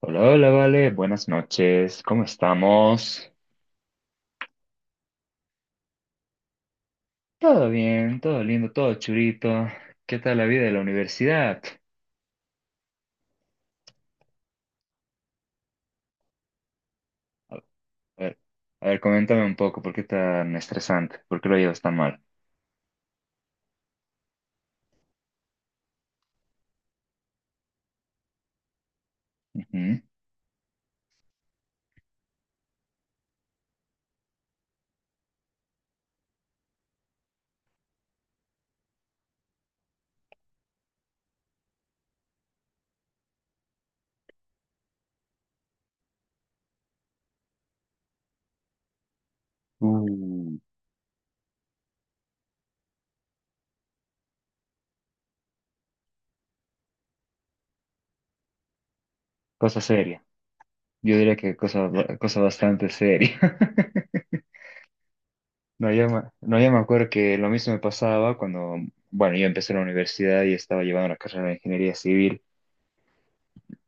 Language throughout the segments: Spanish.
Hola, hola, vale, buenas noches, ¿cómo estamos? Todo bien, todo lindo, todo churito. ¿Qué tal la vida de la universidad? A ver, a ver, coméntame un poco, ¿por qué tan estresante? ¿Por qué lo llevas tan mal? Ujú. Uh, Cosa seria. Yo diría que cosa, cosa bastante seria. No, yo me acuerdo que lo mismo me pasaba cuando, bueno, yo empecé la universidad y estaba llevando la carrera de ingeniería civil.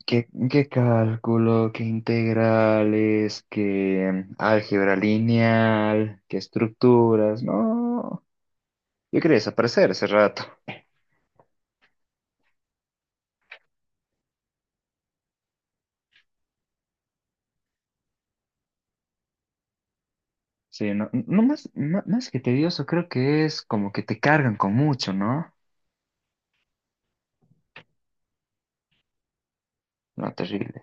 ¿Qué cálculo, qué integrales, qué álgebra lineal, qué estructuras? No, yo quería desaparecer ese rato. Sí, no, no más, más que tedioso, creo que es como que te cargan con mucho, ¿no? No, terrible.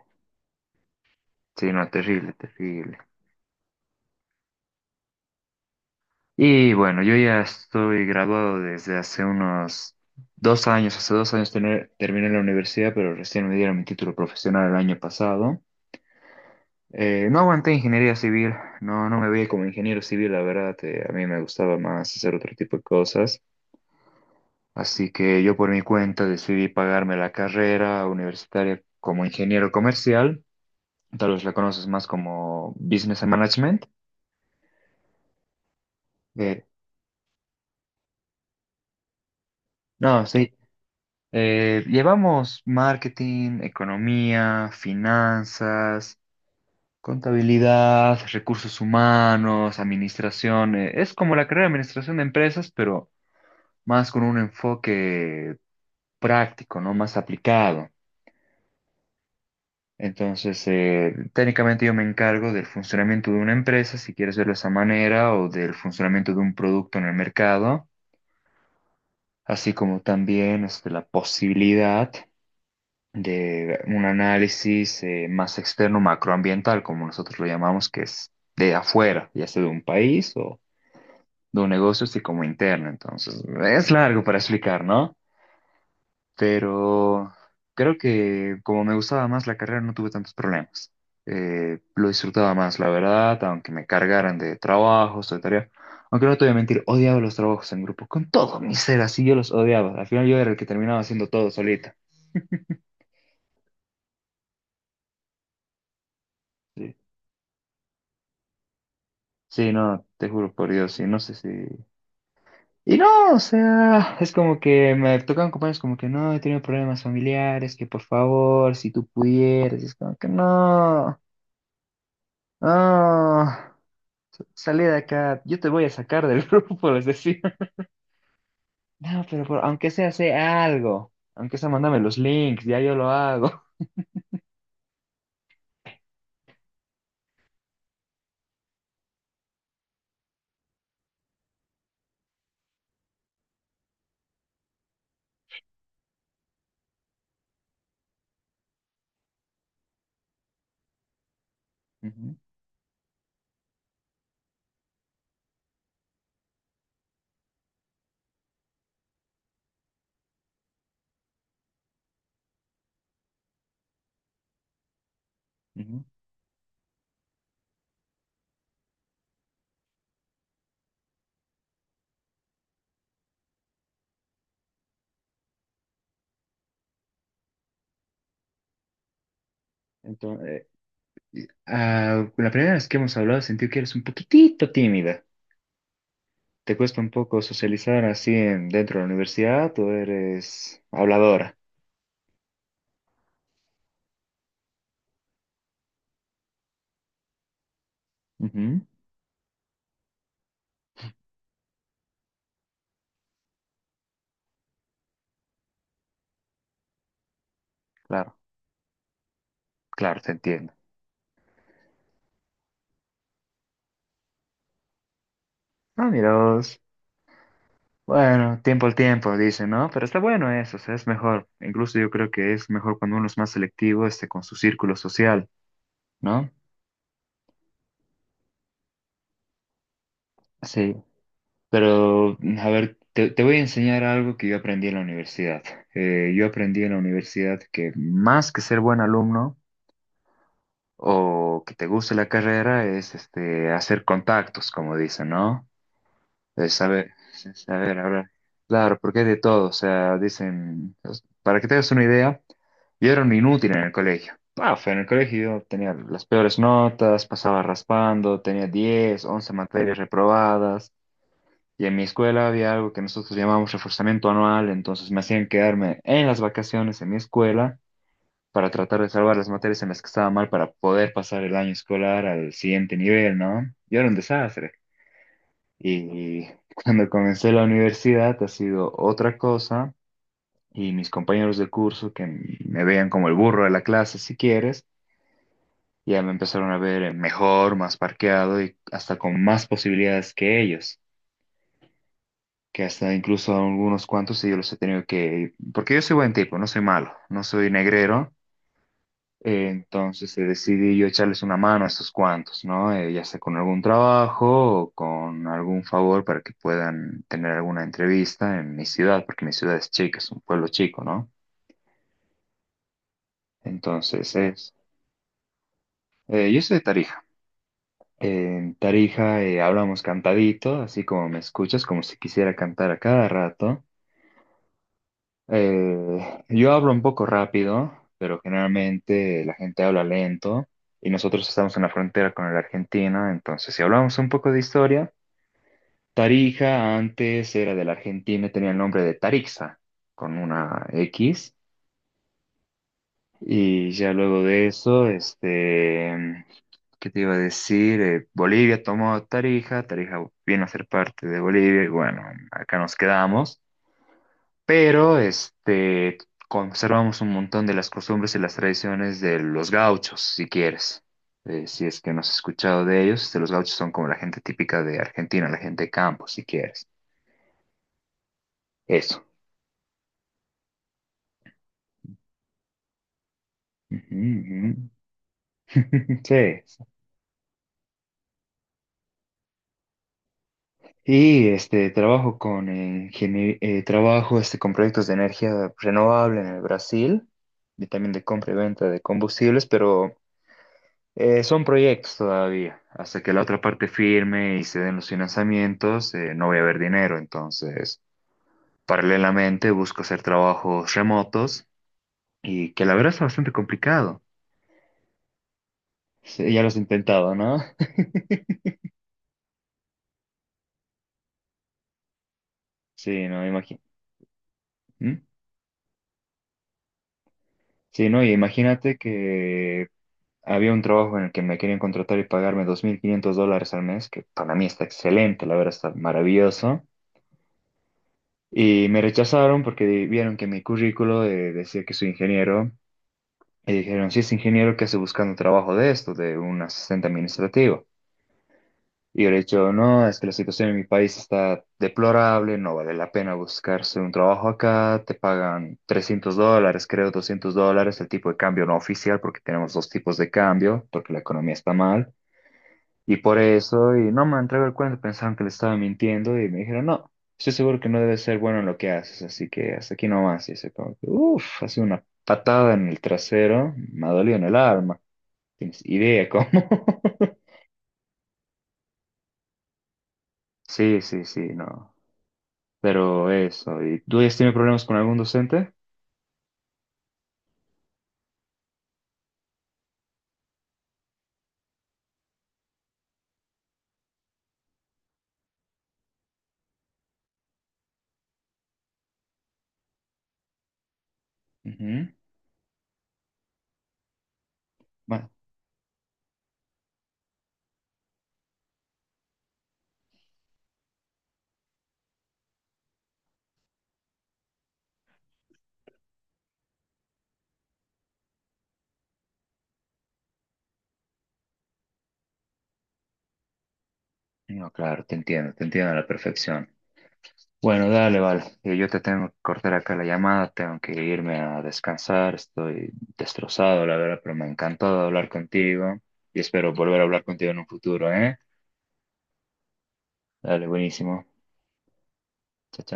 Sí, no, terrible, terrible. Y bueno, yo ya estoy graduado desde hace unos 2 años, hace 2 años terminé la universidad, pero recién me dieron mi título profesional el año pasado. No aguanté ingeniería civil, no, no me veía como ingeniero civil, la verdad. A mí me gustaba más hacer otro tipo de cosas, así que yo por mi cuenta decidí pagarme la carrera universitaria como ingeniero comercial. Tal vez la conoces más como Business and Management. eh, no, sí. Llevamos marketing, economía, finanzas, contabilidad, recursos humanos, administración. Es como la carrera de administración de empresas, pero más con un enfoque práctico, ¿no? Más aplicado. Entonces, técnicamente yo me encargo del funcionamiento de una empresa, si quieres verlo de esa manera, o del funcionamiento de un producto en el mercado, así como también este, la posibilidad de un análisis más externo, macroambiental, como nosotros lo llamamos, que es de afuera, ya sea de un país o de un negocio, así como interno. Entonces, es largo para explicar, ¿no? Pero creo que como me gustaba más la carrera no tuve tantos problemas. Lo disfrutaba más, la verdad, aunque me cargaran de trabajos, de tareas. Aunque no te voy a mentir, odiaba los trabajos en grupo, con todo mi ser, así yo los odiaba. Al final yo era el que terminaba haciendo todo solita. Sí, sí, no, te juro por Dios, y no sé si... Y no, o sea, es como que me tocan compañeros como que no, he tenido problemas familiares, que por favor, si tú pudieras, y es como que no, no. Salí de acá, yo te voy a sacar del grupo, les decía. No, pero aunque sea, sé algo. Aunque sea, mándame los links, ya yo lo hago. Ujú, ujú. Entonces, ah, la primera vez que hemos hablado sentí que eres un poquitito tímida. ¿Te cuesta un poco socializar así dentro de la universidad o eres habladora? Ujú. Claro, claro, te entiendo. Ah, mira. Bueno, tiempo al tiempo, dicen, ¿no? Pero está bueno eso, o sea, es mejor. Incluso yo creo que es mejor cuando uno es más selectivo, este, con su círculo social, ¿no? Sí. Pero, a ver, te voy a enseñar algo que yo aprendí en la universidad. Yo aprendí en la universidad que más que ser buen alumno o que te guste la carrera es, este, hacer contactos, como dicen, ¿no? De saber hablar. Claro, porque es de todo, o sea, dicen, para que te hagas una idea, yo era un inútil en el colegio. Paf, en el colegio yo tenía las peores notas, pasaba raspando, tenía 10 11 materias reprobadas, y en mi escuela había algo que nosotros llamamos reforzamiento anual, entonces me hacían quedarme en las vacaciones en mi escuela para tratar de salvar las materias en las que estaba mal para poder pasar el año escolar al siguiente nivel, ¿no? Yo era un desastre. Y cuando comencé la universidad ha sido otra cosa y mis compañeros de curso que me veían como el burro de la clase, si quieres, ya me empezaron a ver mejor, más parqueado y hasta con más posibilidades que ellos, que hasta incluso algunos cuantos sí yo los he tenido que... Porque yo soy buen tipo, no soy malo, no soy negrero. Entonces decidí yo echarles una mano a estos cuantos, ¿no? Ya sea con algún trabajo o con algún favor para que puedan tener alguna entrevista en mi ciudad, porque mi ciudad es chica, es un pueblo chico, ¿no? Entonces es... Yo soy de Tarija. En Tarija hablamos cantadito, así como me escuchas, como si quisiera cantar a cada rato. Yo hablo un poco rápido, pero generalmente la gente habla lento y nosotros estamos en la frontera con la Argentina. Entonces si hablamos un poco de historia, Tarija antes era de la Argentina, y tenía el nombre de Tarixa con una X. Y ya luego de eso, este, ¿qué te iba a decir? Bolivia tomó Tarija, Tarija vino a ser parte de Bolivia y bueno, acá nos quedamos. Pero este, conservamos un montón de las costumbres y las tradiciones de los gauchos, si quieres. Si es que no has escuchado de ellos, este, los gauchos son como la gente típica de Argentina, la gente de campo, si quieres. Eso. Ujú, ujú. Sí. Y este trabajo con trabajo este con proyectos de energía renovable en el Brasil y también de compra y venta de combustibles, pero... Son proyectos todavía. Hasta que la otra parte firme y se den los financiamientos, no voy a haber dinero. Entonces, paralelamente busco hacer trabajos remotos y que la verdad es bastante complicado. Sí, ya lo has intentado, ¿no? Sí, no, imagínate. Sí, no, y imagínate que había un trabajo en el que me querían contratar y pagarme $2,500 al mes, que para mí está excelente, la verdad está maravilloso. Y me rechazaron porque vieron que mi currículo decía que soy ingeniero. Y dijeron, sí, es ingeniero que hace buscando trabajo de esto, de un asistente administrativo. Y yo le he dicho, no, es que la situación en mi país está deplorable, no vale la pena buscarse un trabajo acá, te pagan $300, creo $200, el tipo de cambio no oficial, porque tenemos dos tipos de cambio, porque la economía está mal. Y por eso, y no me han traído el cuento, pensaban que le estaba mintiendo y me dijeron, no, estoy seguro que no debes ser bueno en lo que haces, así que hasta aquí nomás. Y se como que, uff, ha sido una patada en el trasero, me ha dolido en el alma. ¿Tienes idea cómo? Sí, sí, sí, no. Pero eso, ¿y tú has tenido problemas con algún docente? Ujú. Bueno, no, claro, te entiendo a la perfección. Bueno, dale, vale. Yo te tengo que cortar acá la llamada, tengo que irme a descansar, estoy destrozado, la verdad, pero me ha encantado hablar contigo y espero volver a hablar contigo en un futuro, ¿eh? Dale, buenísimo. Chao, chao.